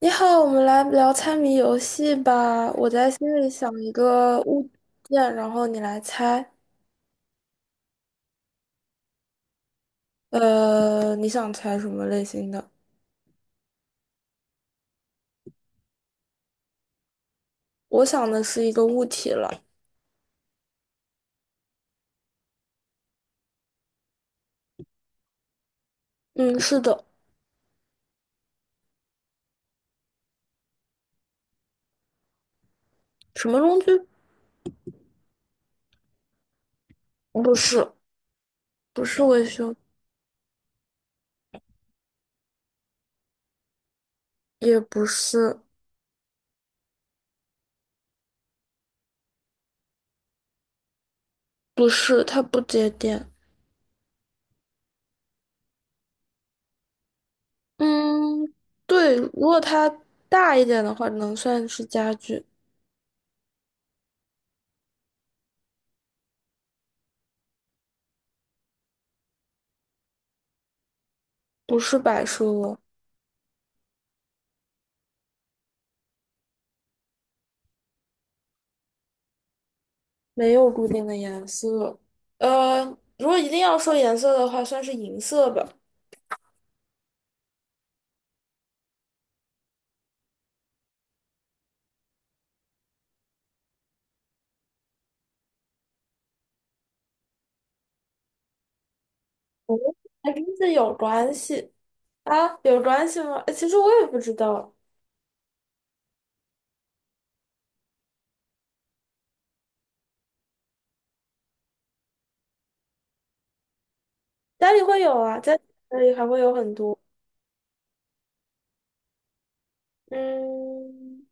你好，我们来聊猜谜游戏吧。我在心里想一个物件，然后你来猜。你想猜什么类型的？我想的是一个物体了。嗯，是的。什么工具？不是，不是维修，也不是，不是，它不接电。嗯，对，如果它大一点的话，能算是家具，不是摆设。没有固定的颜色。呃，如果一定要说颜色的话，算是银色吧。哦，还真是有关系啊？有关系吗？其实我也不知道，家里会有啊，在家里还会有很多。嗯，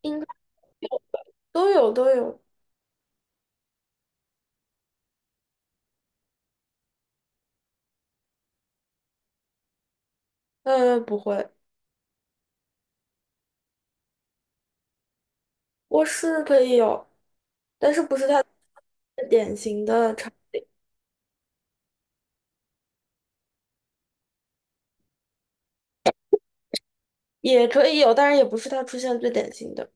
应该有，都有都有。不会，卧室可以有，但是不是它最典型的场，也可以有，但是也不是它出现最典型的。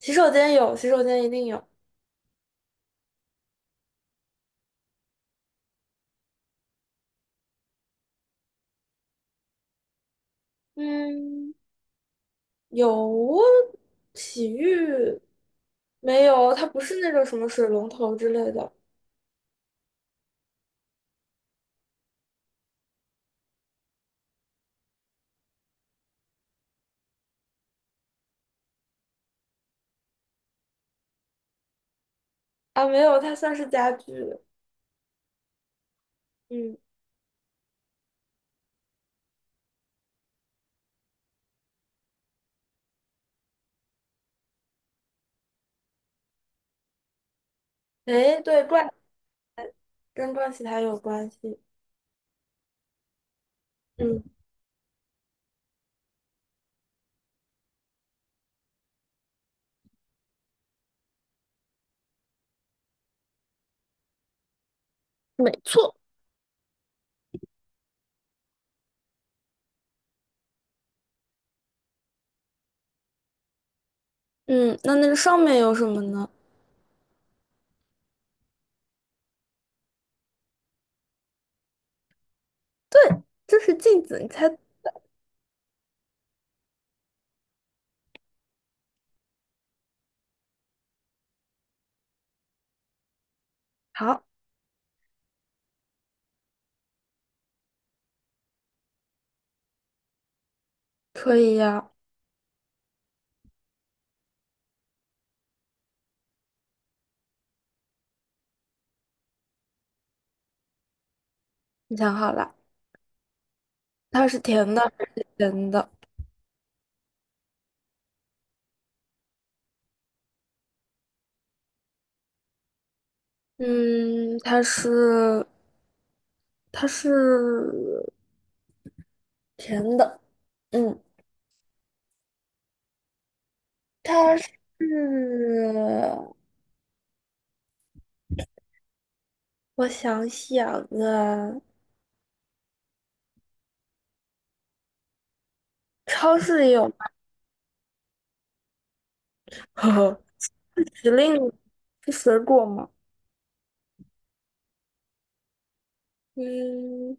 洗手间有，洗手间一定有。嗯。有洗浴没有？它不是那种什么水龙头之类的啊，没有，它算是家具。嗯，哎，对，跟盥洗台有关系。嗯，没错。嗯，那那个上面有什么呢？这是镜子，你猜好，可以呀、你想好了，它是甜的还是咸的？嗯，它是甜的。嗯，它是。我想想啊，超市里有卖 时令是水果吗？嗯，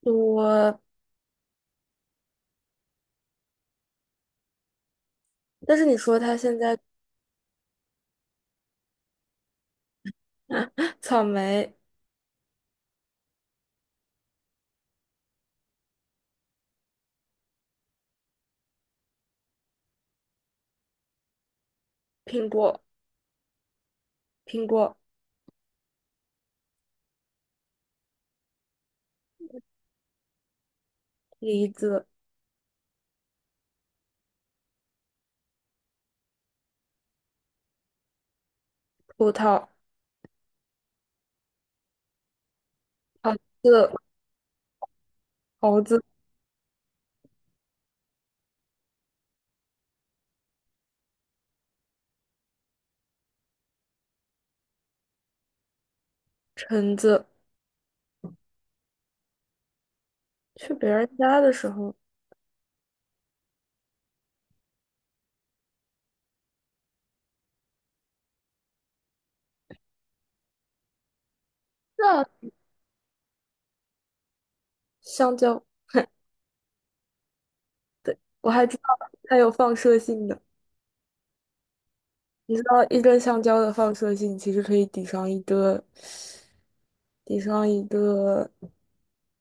我，但是你说它现在 草莓、苹果、苹果、梨子、葡萄、桃子、桃子、橙子，去别人家的时候，那香蕉我还知道它有放射性的。你知道一根香蕉的放射性其实可以抵上一个，抵上一个，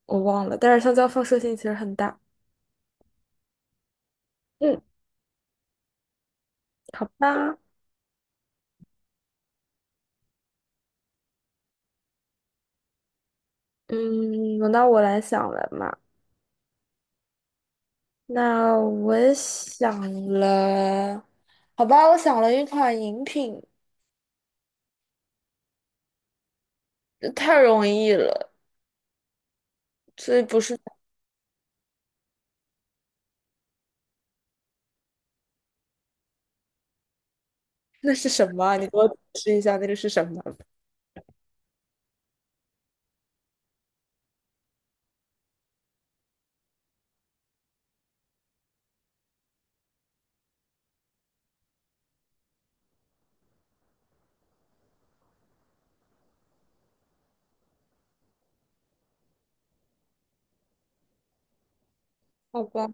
我忘了。但是香蕉放射性其实很大。嗯，好吧，嗯，轮到我来想了嘛。那我也想了，好吧，我想了一款饮品，这太容易了，所以不是，好吧，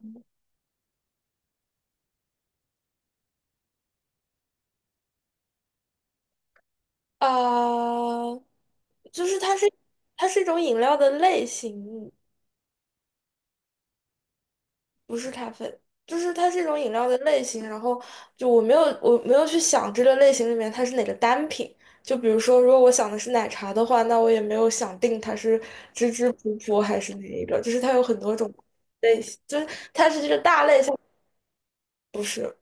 啊、就是它是一种饮料的类型，不是咖啡，就是它是一种饮料的类型。然后就我没有去想这个类型里面它是哪个单品。就比如说，如果我想的是奶茶的话，那我也没有想定它是芝芝普普还是哪一个，就是它有很多种类型，就是它是这个大类项，不是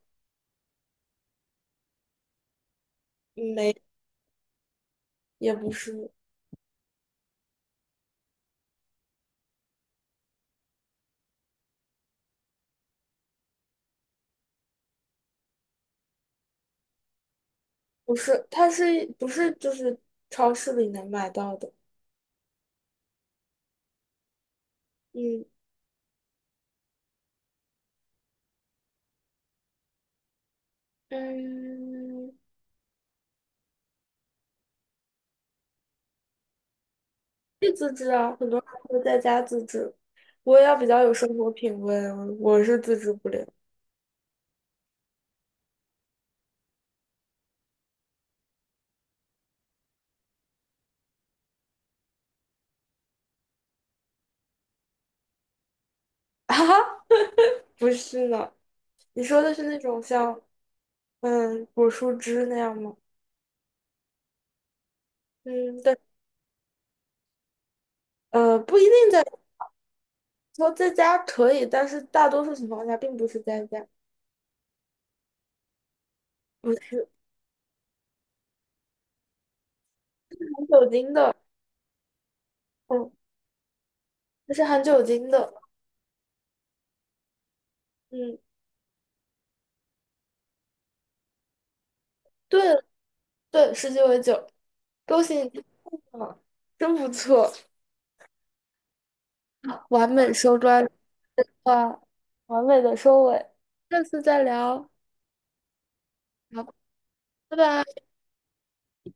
没也不是不是，它是不是就是超市里能买到的？嗯嗯，以自制啊，很多人会在家自制。我也要比较有生活品味，我是自制不了。哈哈，不是呢，你说的是那种像果蔬汁那样吗？嗯，对，不一定在说在家可以，但是大多数情况下并不是在家，不是含酒精的，嗯，它是含酒精的，嗯，对对，十几为酒，恭喜你听到了，真不错，完美收官啊，完美的收尾，下次再聊。好，拜拜。